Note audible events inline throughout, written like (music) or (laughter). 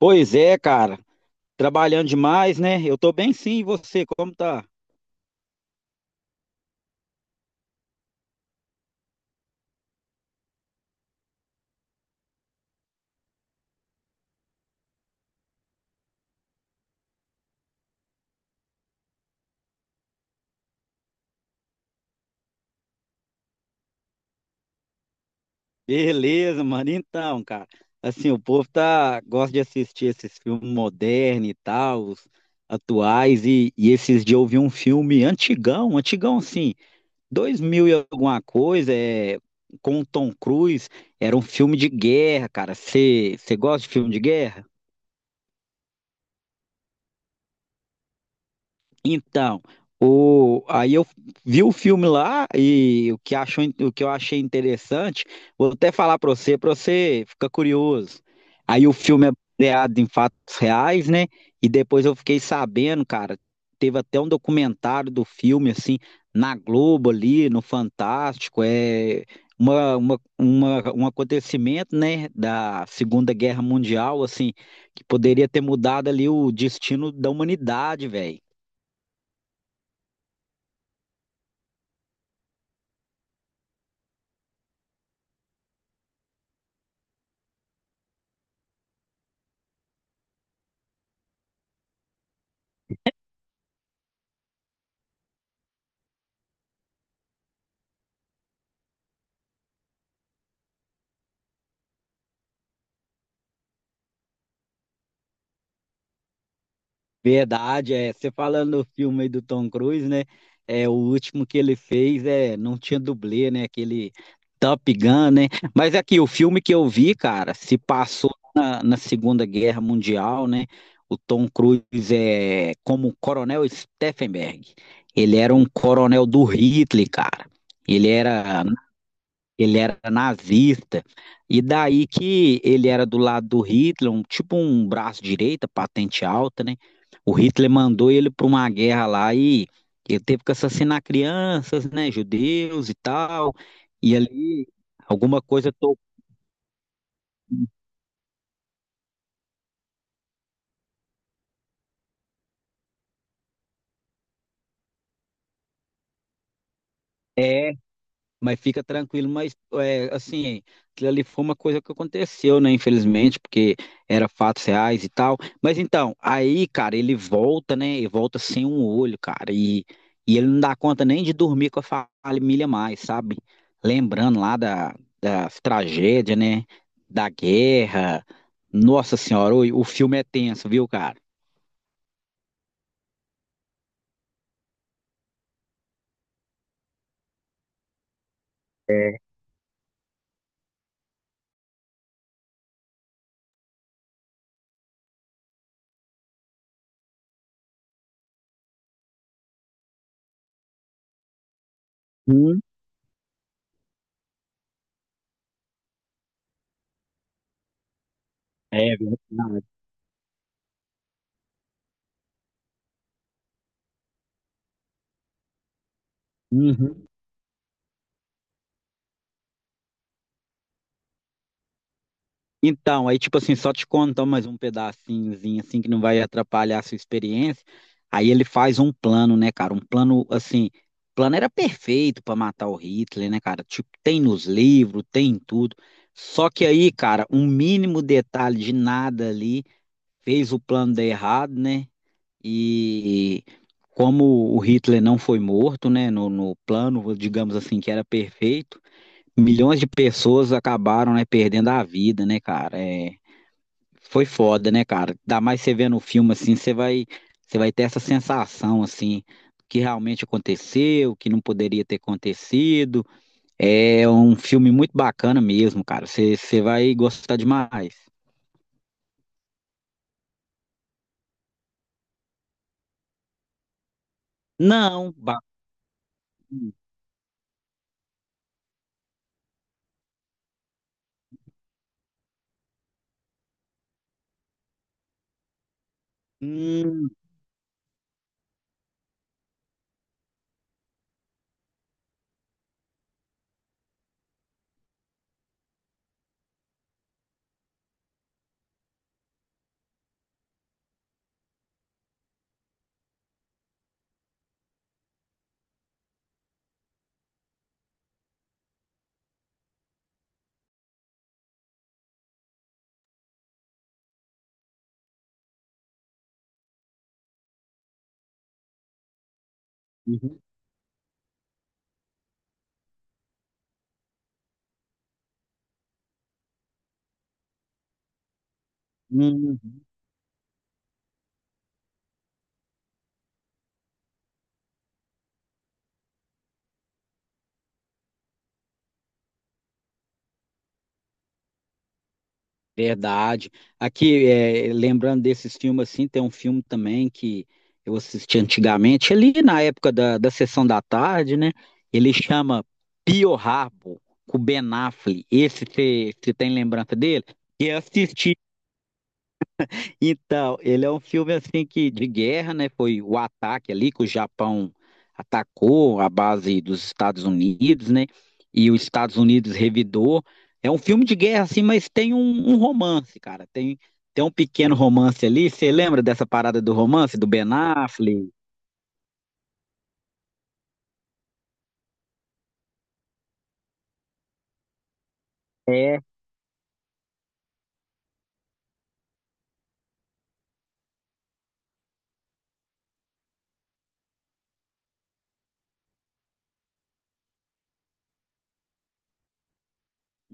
Pois é, cara. Trabalhando demais, né? Eu tô bem sim, e você, como tá? Beleza, mano. Então, cara, assim, o povo gosta de assistir esses filmes modernos e tal, os atuais, e esses dias eu vi um filme antigão, antigão assim, 2000 e alguma coisa, é, com o Tom Cruise, era um filme de guerra, cara. Você gosta de filme de guerra? Então, aí eu vi o filme lá e o que eu achei interessante, vou até falar para você ficar curioso. Aí o filme é baseado em fatos reais, né? E depois eu fiquei sabendo, cara, teve até um documentário do filme, assim, na Globo ali, no Fantástico, é um acontecimento, né, da Segunda Guerra Mundial, assim, que poderia ter mudado ali o destino da humanidade, velho. Verdade, é. Você falando do filme aí do Tom Cruise, né? É, o último que ele fez não tinha dublê, né? Aquele Top Gun, né? Mas aqui, o filme que eu vi, cara, se passou na Segunda Guerra Mundial, né? O Tom Cruise é como o Coronel Steffenberg. Ele era um coronel do Hitler, cara. Ele era ele era nazista, e daí que ele era do lado do Hitler, tipo um braço direito, patente alta, né? O Hitler mandou ele para uma guerra lá e ele teve que assassinar crianças, né, judeus e tal, e ali alguma coisa tocou. É. Mas fica tranquilo, mas é, assim, aquilo ali foi uma coisa que aconteceu, né? Infelizmente, porque era fatos reais e tal. Mas então, aí, cara, ele volta, né? E volta sem um olho, cara. E ele não dá conta nem de dormir com a família mais, sabe? Lembrando lá das tragédias, né? Da guerra. Nossa Senhora, o filme é tenso, viu, cara? É. Hum, é verdade. Uhum. Então, aí tipo assim, só te contam mais um pedacinhozinho assim que não vai atrapalhar a sua experiência. Aí ele faz um plano, né, cara? Um plano assim, o plano era perfeito pra matar o Hitler, né, cara? Tipo, tem nos livros, tem em tudo. Só que aí, cara, um mínimo detalhe de nada ali fez o plano dar errado, né? E como o Hitler não foi morto, né, no plano, digamos assim, que era perfeito, milhões de pessoas acabaram, né, perdendo a vida, né, cara? É, foi foda, né, cara? Ainda mais você vendo o filme assim, você vai ter essa sensação assim que realmente aconteceu, que não poderia ter acontecido. É um filme muito bacana mesmo, cara. Você vai gostar demais. Não. Hum, hum, uhum, uhum. Verdade. Aqui, é, lembrando desses filmes assim, tem um filme também que eu assisti antigamente, ali na época da sessão da tarde, né? Ele chama Pearl Harbor, com o Ben Affleck. Esse você tem lembrança dele? E eu assisti então, ele é um filme assim que de guerra, né? Foi o ataque ali que o Japão atacou a base dos Estados Unidos, né? E os Estados Unidos revidou. É um filme de guerra assim, mas tem um romance, cara. Tem um pequeno romance ali. Você lembra dessa parada do romance do Ben Affleck? É.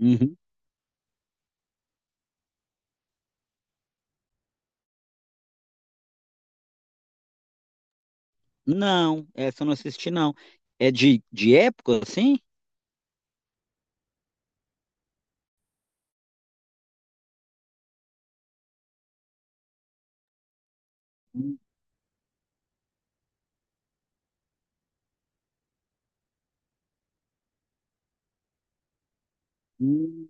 Uhum. Não, essa eu não assisti não. É de época assim? Hum, hum,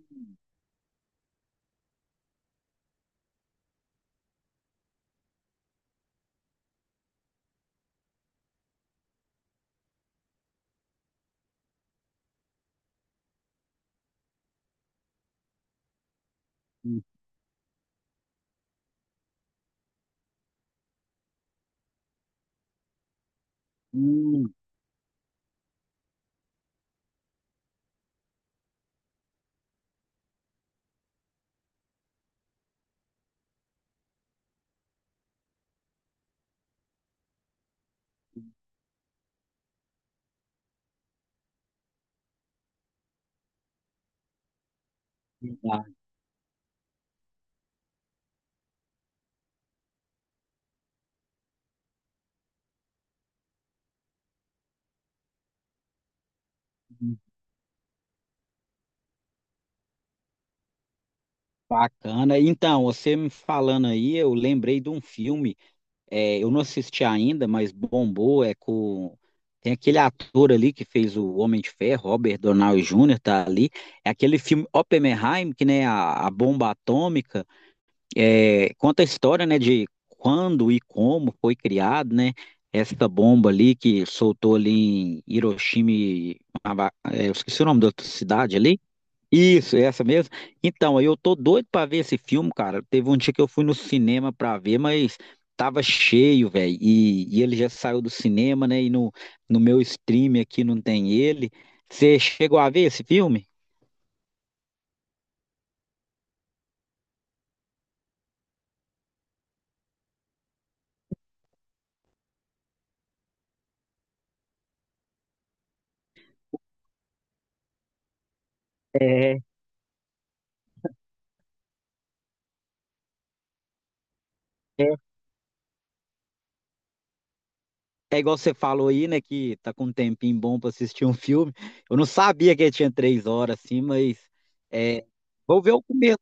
hum, hum. Bacana. Então, você me falando aí, eu lembrei de um filme, é, eu não assisti ainda, mas bombou, é com... Tem aquele ator ali que fez o Homem de Ferro, Robert Downey Jr., tá ali. É aquele filme Oppenheim, que né, a bomba atômica, é, conta a história, né, de quando e como foi criado, né, essa bomba ali que soltou ali em Hiroshima, e é, eu esqueci o nome da outra cidade ali, isso, essa mesmo. Então, eu tô doido pra ver esse filme, cara. Teve um dia que eu fui no cinema pra ver, mas tava cheio, velho. E ele já saiu do cinema, né? E no meu stream aqui não tem ele. Você chegou a ver esse filme? É, é. É igual você falou aí, né? Que tá com um tempinho bom pra assistir um filme. Eu não sabia que ele tinha 3 horas assim, mas é, vou ver o começo.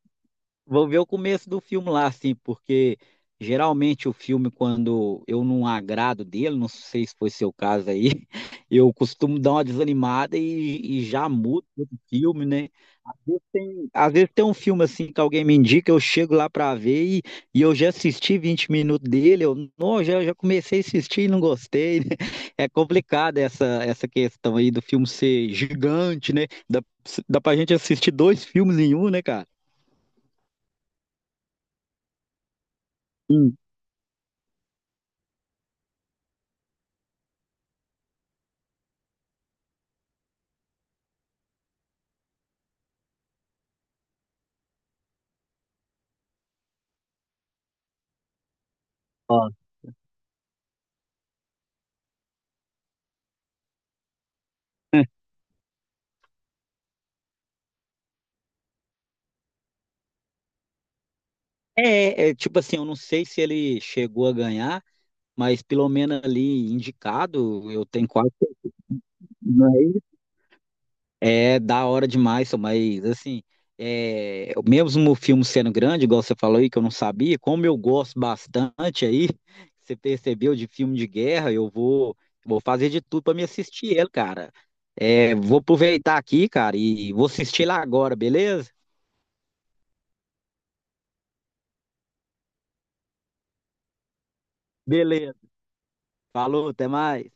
Vou ver o começo do filme lá, assim, porque geralmente o filme, quando eu não agrado dele, não sei se foi seu caso aí, (laughs) eu costumo dar uma desanimada e já mudo o filme, né? Às vezes tem um filme assim que alguém me indica, eu chego lá pra ver e eu já assisti 20 minutos dele, eu não, já comecei a assistir e não gostei, né? (laughs) É complicado essa questão aí do filme ser gigante, né? Dá pra gente assistir dois filmes em um, né, cara? Sim. É, é, tipo assim, eu não sei se ele chegou a ganhar, mas pelo menos ali indicado, eu tenho quase. Não é isso? É da hora demais, só, mas assim, é, mesmo o filme sendo grande, igual você falou aí, que eu não sabia, como eu gosto bastante aí, (laughs) você percebeu de filme de guerra, vou fazer de tudo para me assistir ele, cara. É, vou aproveitar aqui, cara, e vou assistir lá agora, beleza? Beleza. Falou, até mais.